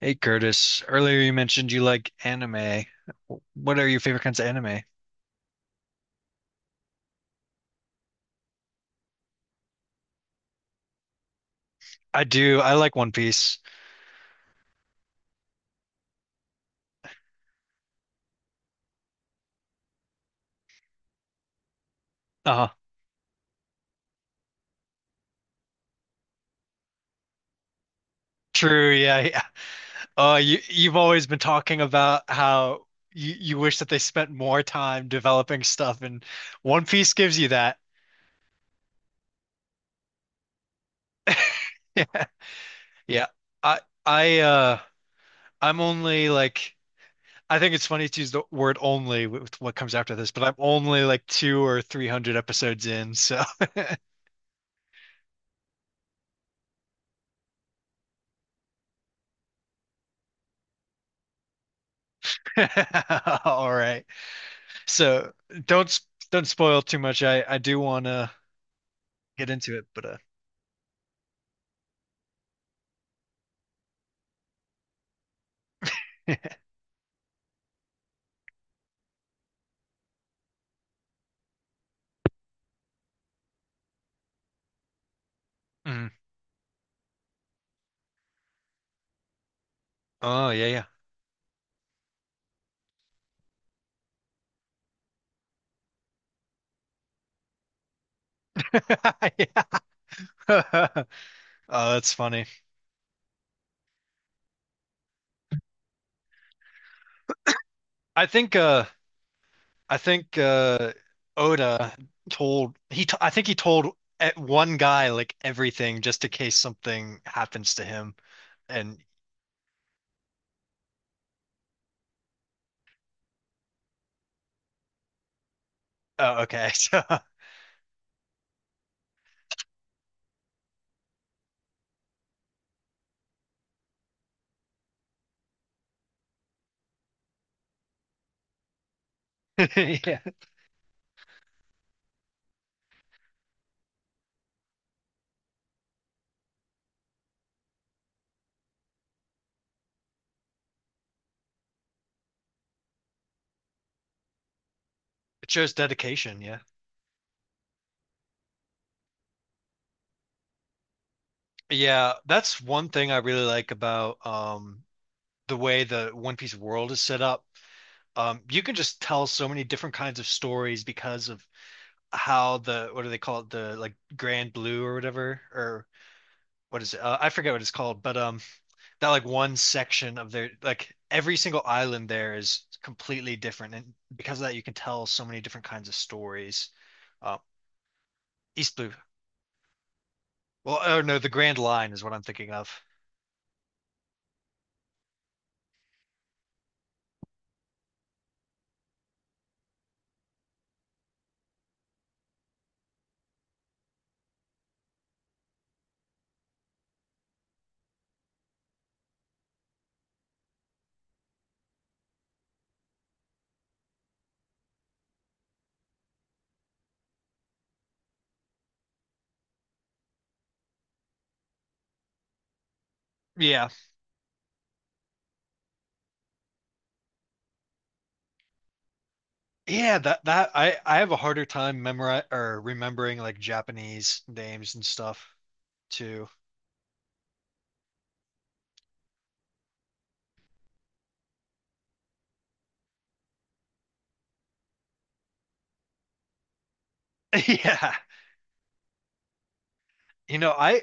Hey Curtis, earlier you mentioned you like anime. What are your favorite kinds of anime? I do. I like One Piece. Uh-huh. True, yeah, yeah. You you've always been talking about how you wish that they spent more time developing stuff, and One Piece gives you that. Yeah. Yeah. I I I'm only like I think it's funny to use the word only with what comes after this, but I'm only like two or three hundred episodes in, so all right. So don't s- don't spoil too much. I do want to get into it, but mhm. Oh yeah, yeah. Yeah. Oh, that's funny. I think uh I think Oda told he t I think he told one guy like everything just in case something happens to him. And oh, okay. So yeah. It shows dedication, yeah. Yeah, that's one thing I really like about the way the One Piece world is set up. You can just tell so many different kinds of stories because of how the what do they call it the like Grand Blue or whatever or what is it? I forget what it's called, but that like one section of their like every single island there is completely different, and because of that, you can tell so many different kinds of stories. Uh, East Blue. Well, oh no, the Grand Line is what I'm thinking of. Yeah, yeah, that I have a harder time memori or remembering like Japanese names and stuff too. Yeah. You know, I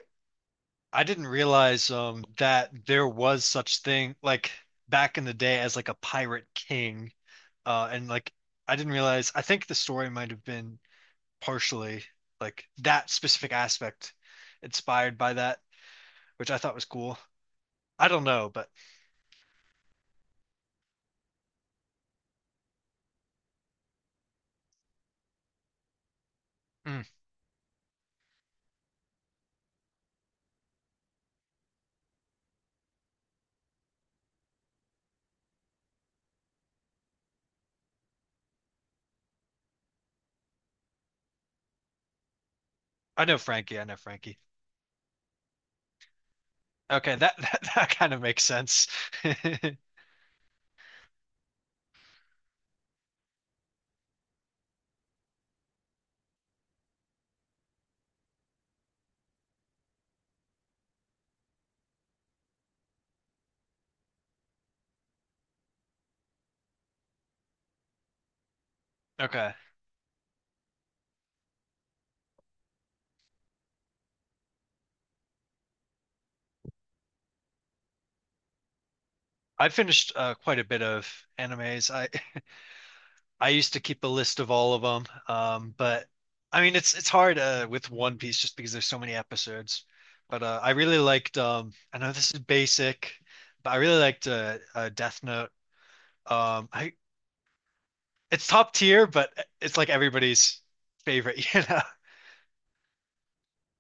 I didn't realize that there was such thing like back in the day as like a pirate king. And like I didn't realize I think the story might have been partially like that specific aspect inspired by that, which I thought was cool. I don't know, but mm, I know Frankie, I know Frankie. Okay, that that, that kind of makes sense. Okay. I finished quite a bit of animes. I used to keep a list of all of them, but I mean it's hard with One Piece just because there's so many episodes. But I really liked. I know this is basic, but I really liked Death Note. I it's top tier, but it's like everybody's favorite, you know.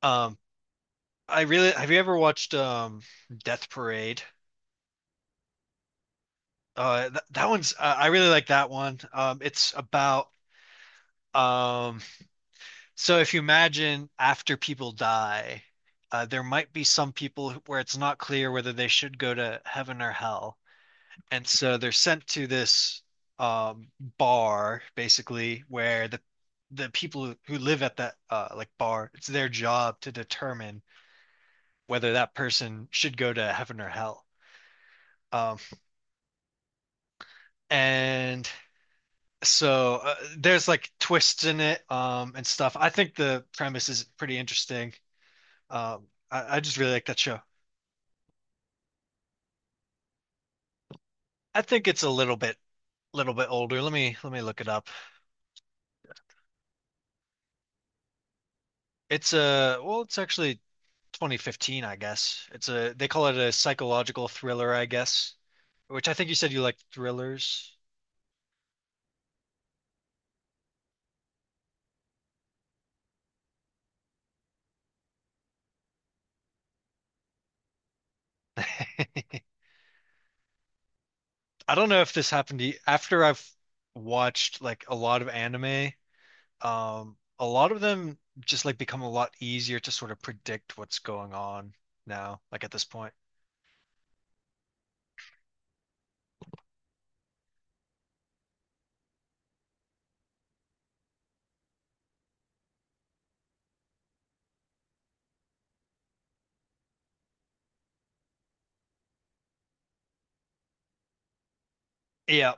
Um, I really have you ever watched Death Parade? Th that one's I really like that one. It's about um So if you imagine after people die, there might be some people who- where it's not clear whether they should go to heaven or hell. And so they're sent to this bar, basically, where the people who live at that like bar, it's their job to determine whether that person should go to heaven or hell. Um, and so there's like twists in it and stuff. I think the premise is pretty interesting. I just really like that show. I think it's a little bit older. Let me look it up. It's a well, it's actually 2015, I guess. It's a they call it a psychological thriller, I guess, which I think you said you like thrillers. I don't know if this happened to you. After I've watched like a lot of anime, a lot of them just like become a lot easier to sort of predict what's going on now, like at this point. Yeah.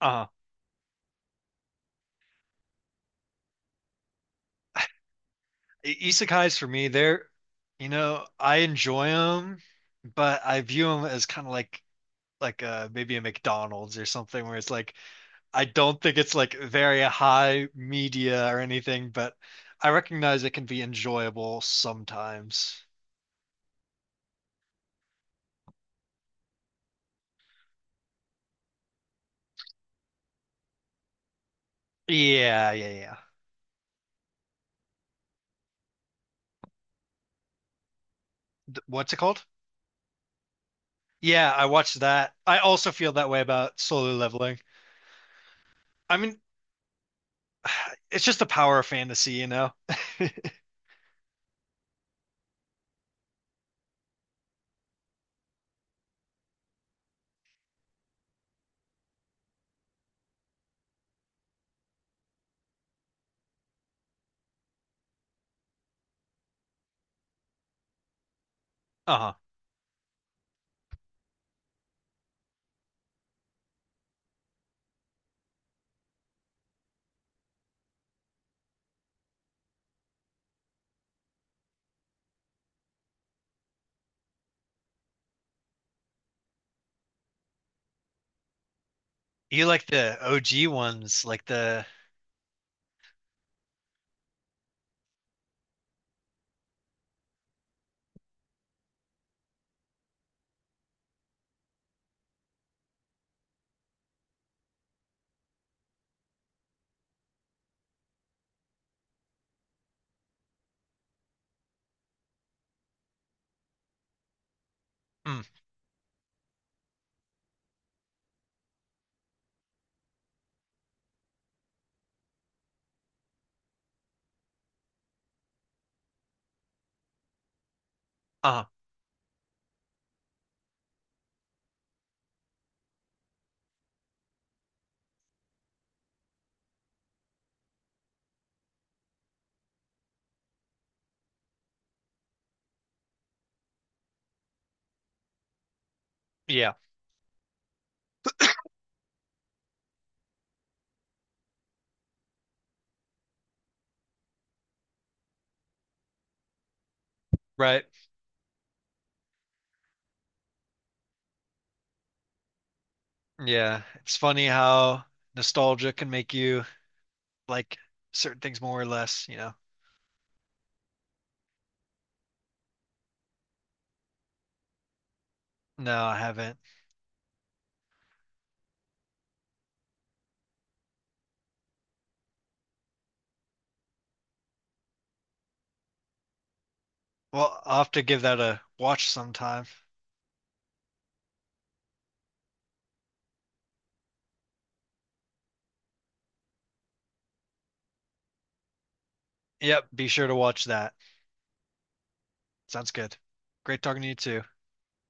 Um Isekais for me, they're, you know, I enjoy them, but I view them as kind of like like maybe a McDonald's or something where it's like I don't think it's like very high media or anything, but I recognize it can be enjoyable sometimes. Yeah, yeah, yeah. What's it called? Yeah, I watched that. I also feel that way about solo leveling. I mean, it's just the power of fantasy, you know? Uh-huh. You like the OG ones, like the mm, uh-huh. Yeah, right. Yeah. It's funny how nostalgia can make you like certain things more or less, you know. No, I haven't. Well, I'll have to give that a watch sometime. Yep, be sure to watch that. Sounds good. Great talking to you too.